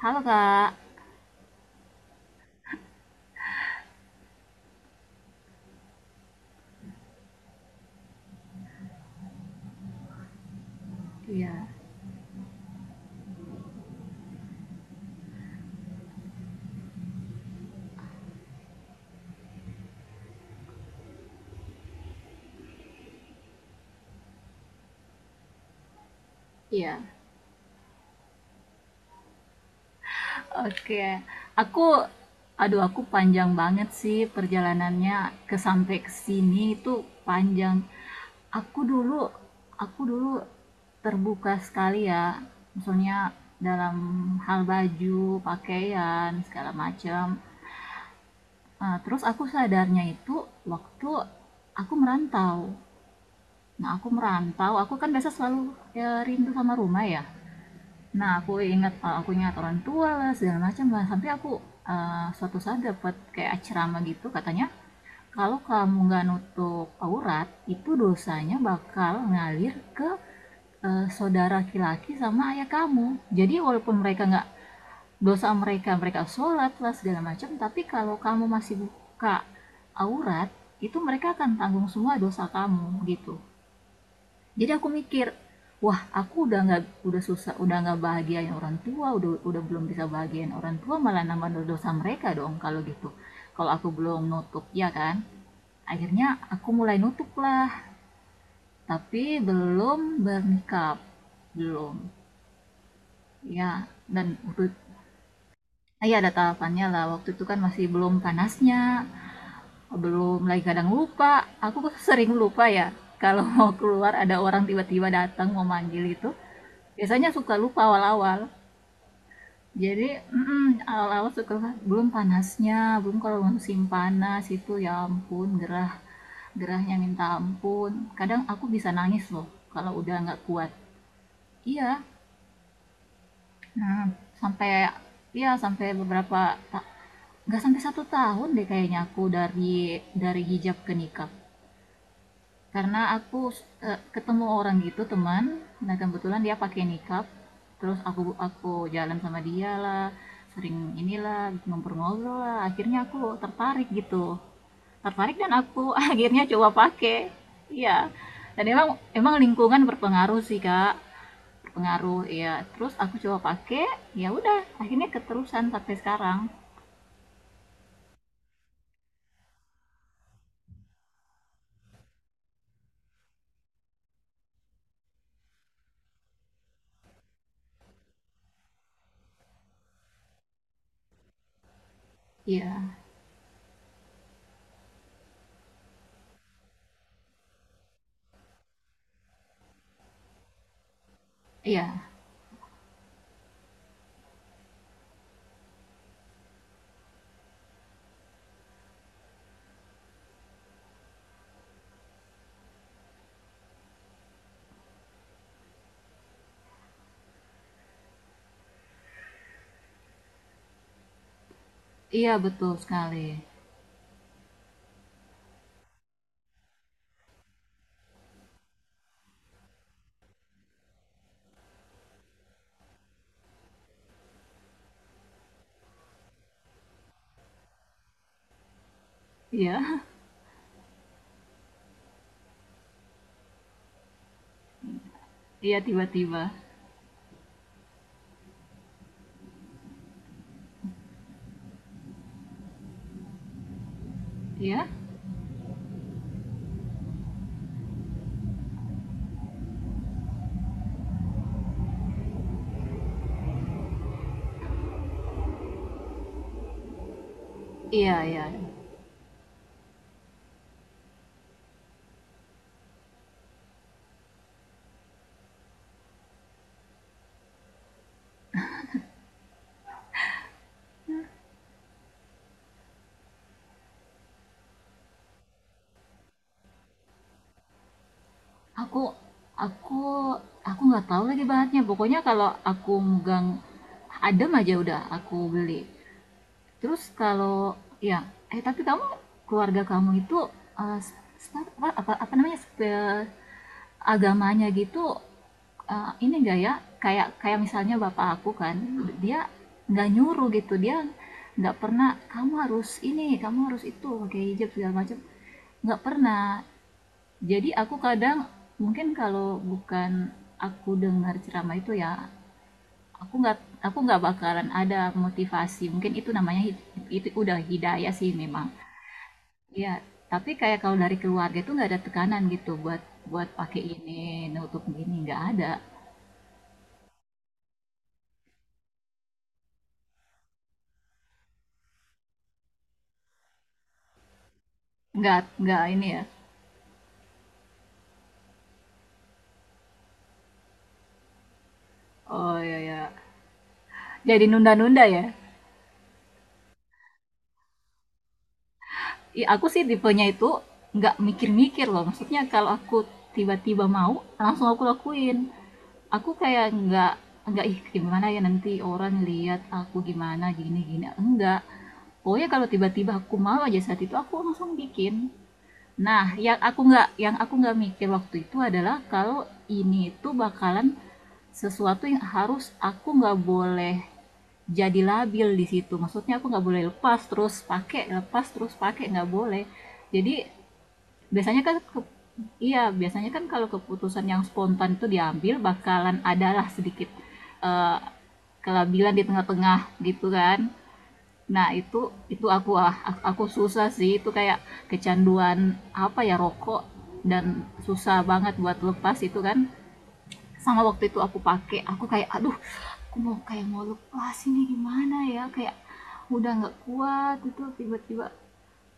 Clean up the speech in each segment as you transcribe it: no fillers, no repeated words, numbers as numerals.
Halo Kak. Iya. Iya. Oke. Aku, aduh, aku panjang banget sih perjalanannya, sampai ke sini itu panjang. Aku dulu, aku dulu, terbuka sekali ya. Misalnya dalam hal baju, pakaian, segala macam. Terus aku sadarnya itu waktu aku merantau. Nah, aku merantau, aku kan biasa selalu, ya, rindu sama rumah ya. Nah, aku ingat, orang tua lah, segala macam lah, sampai aku, suatu saat dapat kayak ceramah gitu, katanya, "Kalau kamu nggak nutup aurat, itu dosanya bakal ngalir ke saudara laki-laki sama ayah kamu. Jadi walaupun mereka nggak dosa mereka, mereka sholat lah, segala macam, tapi kalau kamu masih buka aurat, itu mereka akan tanggung semua dosa kamu," gitu. Jadi aku mikir, "Wah, aku udah nggak, udah susah, udah nggak bahagiain orang tua, udah belum bisa bahagiain orang tua, malah nambah dosa mereka dong kalau gitu, kalau aku belum nutup, ya kan." Akhirnya aku mulai nutup lah, tapi belum bernikah, belum, ya. Dan waktu, ah, ya ada tahapannya lah, waktu itu kan masih belum panasnya, belum lagi kadang lupa aku sering lupa ya, kalau mau keluar ada orang tiba-tiba datang mau manggil itu, biasanya suka lupa awal-awal. Jadi, mhm, awal-awal suka belum panasnya, belum, kalau musim panas itu ya ampun gerah, gerahnya minta ampun. Kadang aku bisa nangis loh kalau udah nggak kuat. Iya, nah sampai, iya sampai beberapa, nggak sampai satu tahun deh kayaknya, aku dari, hijab ke nikah. Karena aku, ketemu orang gitu, teman, nah kebetulan dia pakai niqab, terus aku, jalan sama dia lah, sering inilah, ngobrol-ngobrol lah, akhirnya aku tertarik gitu, tertarik, dan aku akhirnya coba pakai. Iya, dan emang, lingkungan berpengaruh sih kak, berpengaruh ya, terus aku coba pakai, ya udah, akhirnya keterusan sampai sekarang. Iya, iya, iya, betul sekali. Iya, iya, tiba-tiba. Iya. Iya, iya. Iya. Aku aku aku nggak tahu lagi bahannya. Pokoknya kalau aku megang adem aja, udah aku beli. Terus kalau, ya, tapi kamu, keluarga kamu itu, eh, s- apa, apa apa namanya, agamanya gitu, ini enggak ya? Kayak kayak misalnya bapak aku kan, dia nggak nyuruh gitu, dia nggak pernah, "Kamu harus ini, kamu harus itu, pakai hijab, segala macam," nggak pernah. Jadi aku kadang, mungkin kalau bukan aku dengar ceramah itu ya, aku nggak aku nggak bakalan ada motivasi. Mungkin itu namanya, itu udah hidayah sih memang. Ya, tapi kayak kalau dari keluarga itu nggak ada tekanan gitu, buat buat pakai ini, nutup gini, nggak ada. Nggak ini ya. Oh, ya ya. Jadi nunda-nunda ya. Ih, aku sih tipenya itu nggak mikir-mikir loh. Maksudnya kalau aku tiba-tiba mau, langsung aku lakuin. Aku kayak nggak, "Ih, gimana ya nanti orang lihat aku, gimana gini gini." Enggak. Pokoknya kalau tiba-tiba aku mau aja, saat itu aku langsung bikin. Nah, yang aku nggak mikir waktu itu adalah kalau ini itu bakalan sesuatu yang harus, aku nggak boleh jadi labil di situ. Maksudnya aku nggak boleh lepas terus pakai, nggak boleh. Jadi, Biasanya kan ke- iya, biasanya kan kalau keputusan yang spontan itu diambil bakalan adalah sedikit, eh, kelabilan di tengah-tengah gitu kan. Nah, itu aku susah sih itu, kayak kecanduan, apa ya, rokok, dan susah banget buat lepas itu kan. Sama waktu itu aku pakai, aku kayak aduh, aku mau kayak mau lepas ini gimana ya? Kayak udah nggak kuat itu tiba-tiba,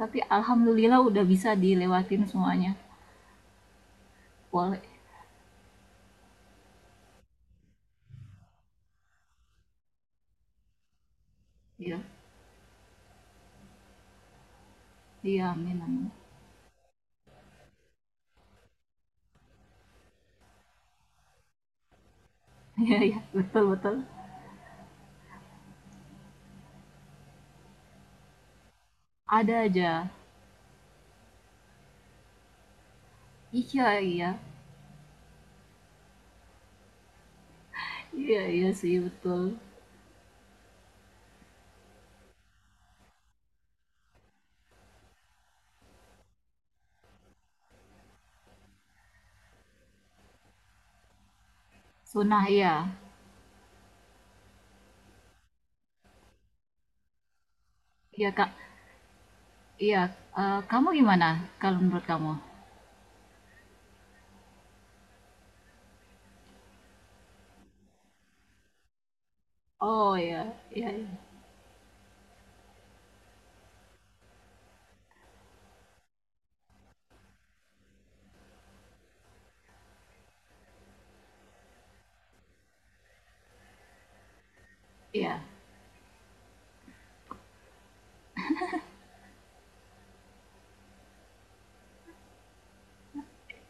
tapi alhamdulillah udah bisa dilewatin semuanya. Boleh. Iya, iya, amin, amin. Iya, iya, betul, betul. Ada aja. Iya, iya, iya, iya sih, betul. Sunnah, iya, iya, Kak, iya. Kamu gimana kalau menurut kamu? Oh, iya, iya, iya,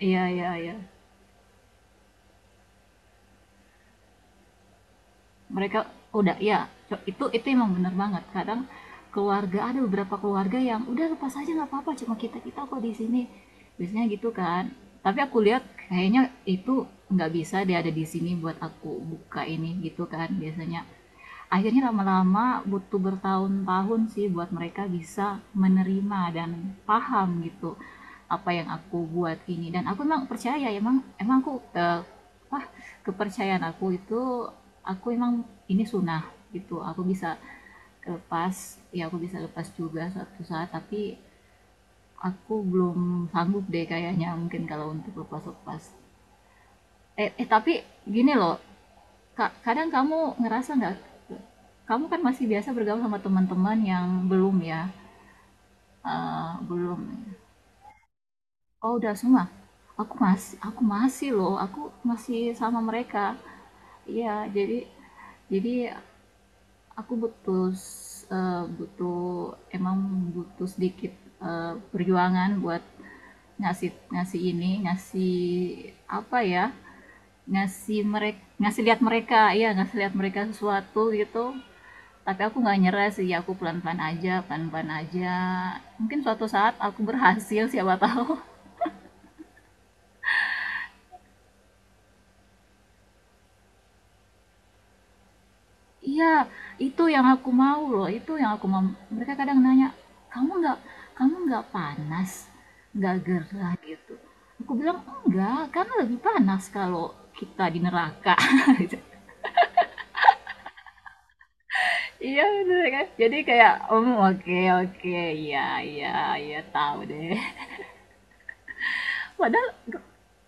iya, iya, iya, iya. Mereka udah ya, itu emang bener banget. Kadang keluarga, ada beberapa keluarga yang udah lepas aja nggak apa-apa, cuma kita, kok di sini. Biasanya gitu kan. Tapi aku lihat kayaknya itu, nggak bisa dia ada di sini buat aku buka ini gitu kan biasanya. Akhirnya lama-lama butuh bertahun-tahun sih buat mereka bisa menerima dan paham gitu, apa yang aku buat ini, dan aku emang percaya, emang, aku, eh, apa kepercayaan aku itu, aku emang ini sunnah gitu, aku bisa lepas ya, aku bisa lepas juga suatu saat, tapi aku belum sanggup deh kayaknya mungkin, kalau untuk lepas lepas, tapi gini loh, kadang kamu ngerasa nggak, kamu kan masih biasa bergaul sama teman-teman yang belum ya, belum. Oh, udah semua? Aku masih loh, aku masih sama mereka. Iya, jadi, jadi aku butuh, butuh, emang butuh sedikit, perjuangan buat ngasih, ini, ngasih apa ya? Ngasih mereka, ngasih lihat mereka, ya ngasih lihat mereka sesuatu gitu. Tapi aku nggak nyerah sih, aku pelan-pelan aja, pelan-pelan aja. Mungkin suatu saat aku berhasil, siapa tahu. Iya, itu yang aku mau loh, itu yang aku mau. Mereka kadang nanya, "Kamu nggak kamu nggak panas? Nggak gerah gitu?" Aku bilang, "Enggak, karena lebih panas kalau kita di neraka." Gitu. Iya, bener ya kan? Jadi kayak, "Om, oke, oke, iya, iya, iya, tahu deh." Padahal,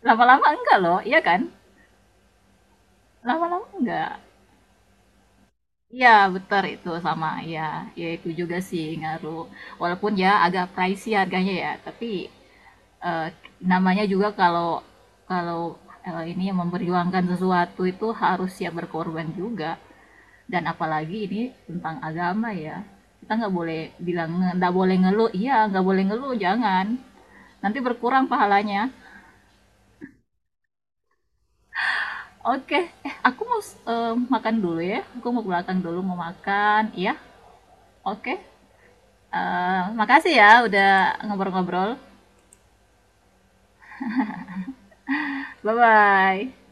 lama-lama enggak loh, iya kan? Lama-lama enggak. Iya, betar itu sama, ya. Ya itu juga sih ngaruh. Walaupun ya agak pricey harganya ya, tapi, eh, namanya juga kalau, kalau ini yang memperjuangkan sesuatu itu harus siap berkorban juga, dan apalagi ini tentang agama ya, kita nggak boleh bilang, nggak boleh ngeluh, iya, nggak boleh ngeluh, jangan nanti berkurang pahalanya. Oke. Aku mau, makan dulu ya, aku mau ke belakang dulu mau makan ya. Oke. Makasih ya udah ngobrol-ngobrol. Bye bye.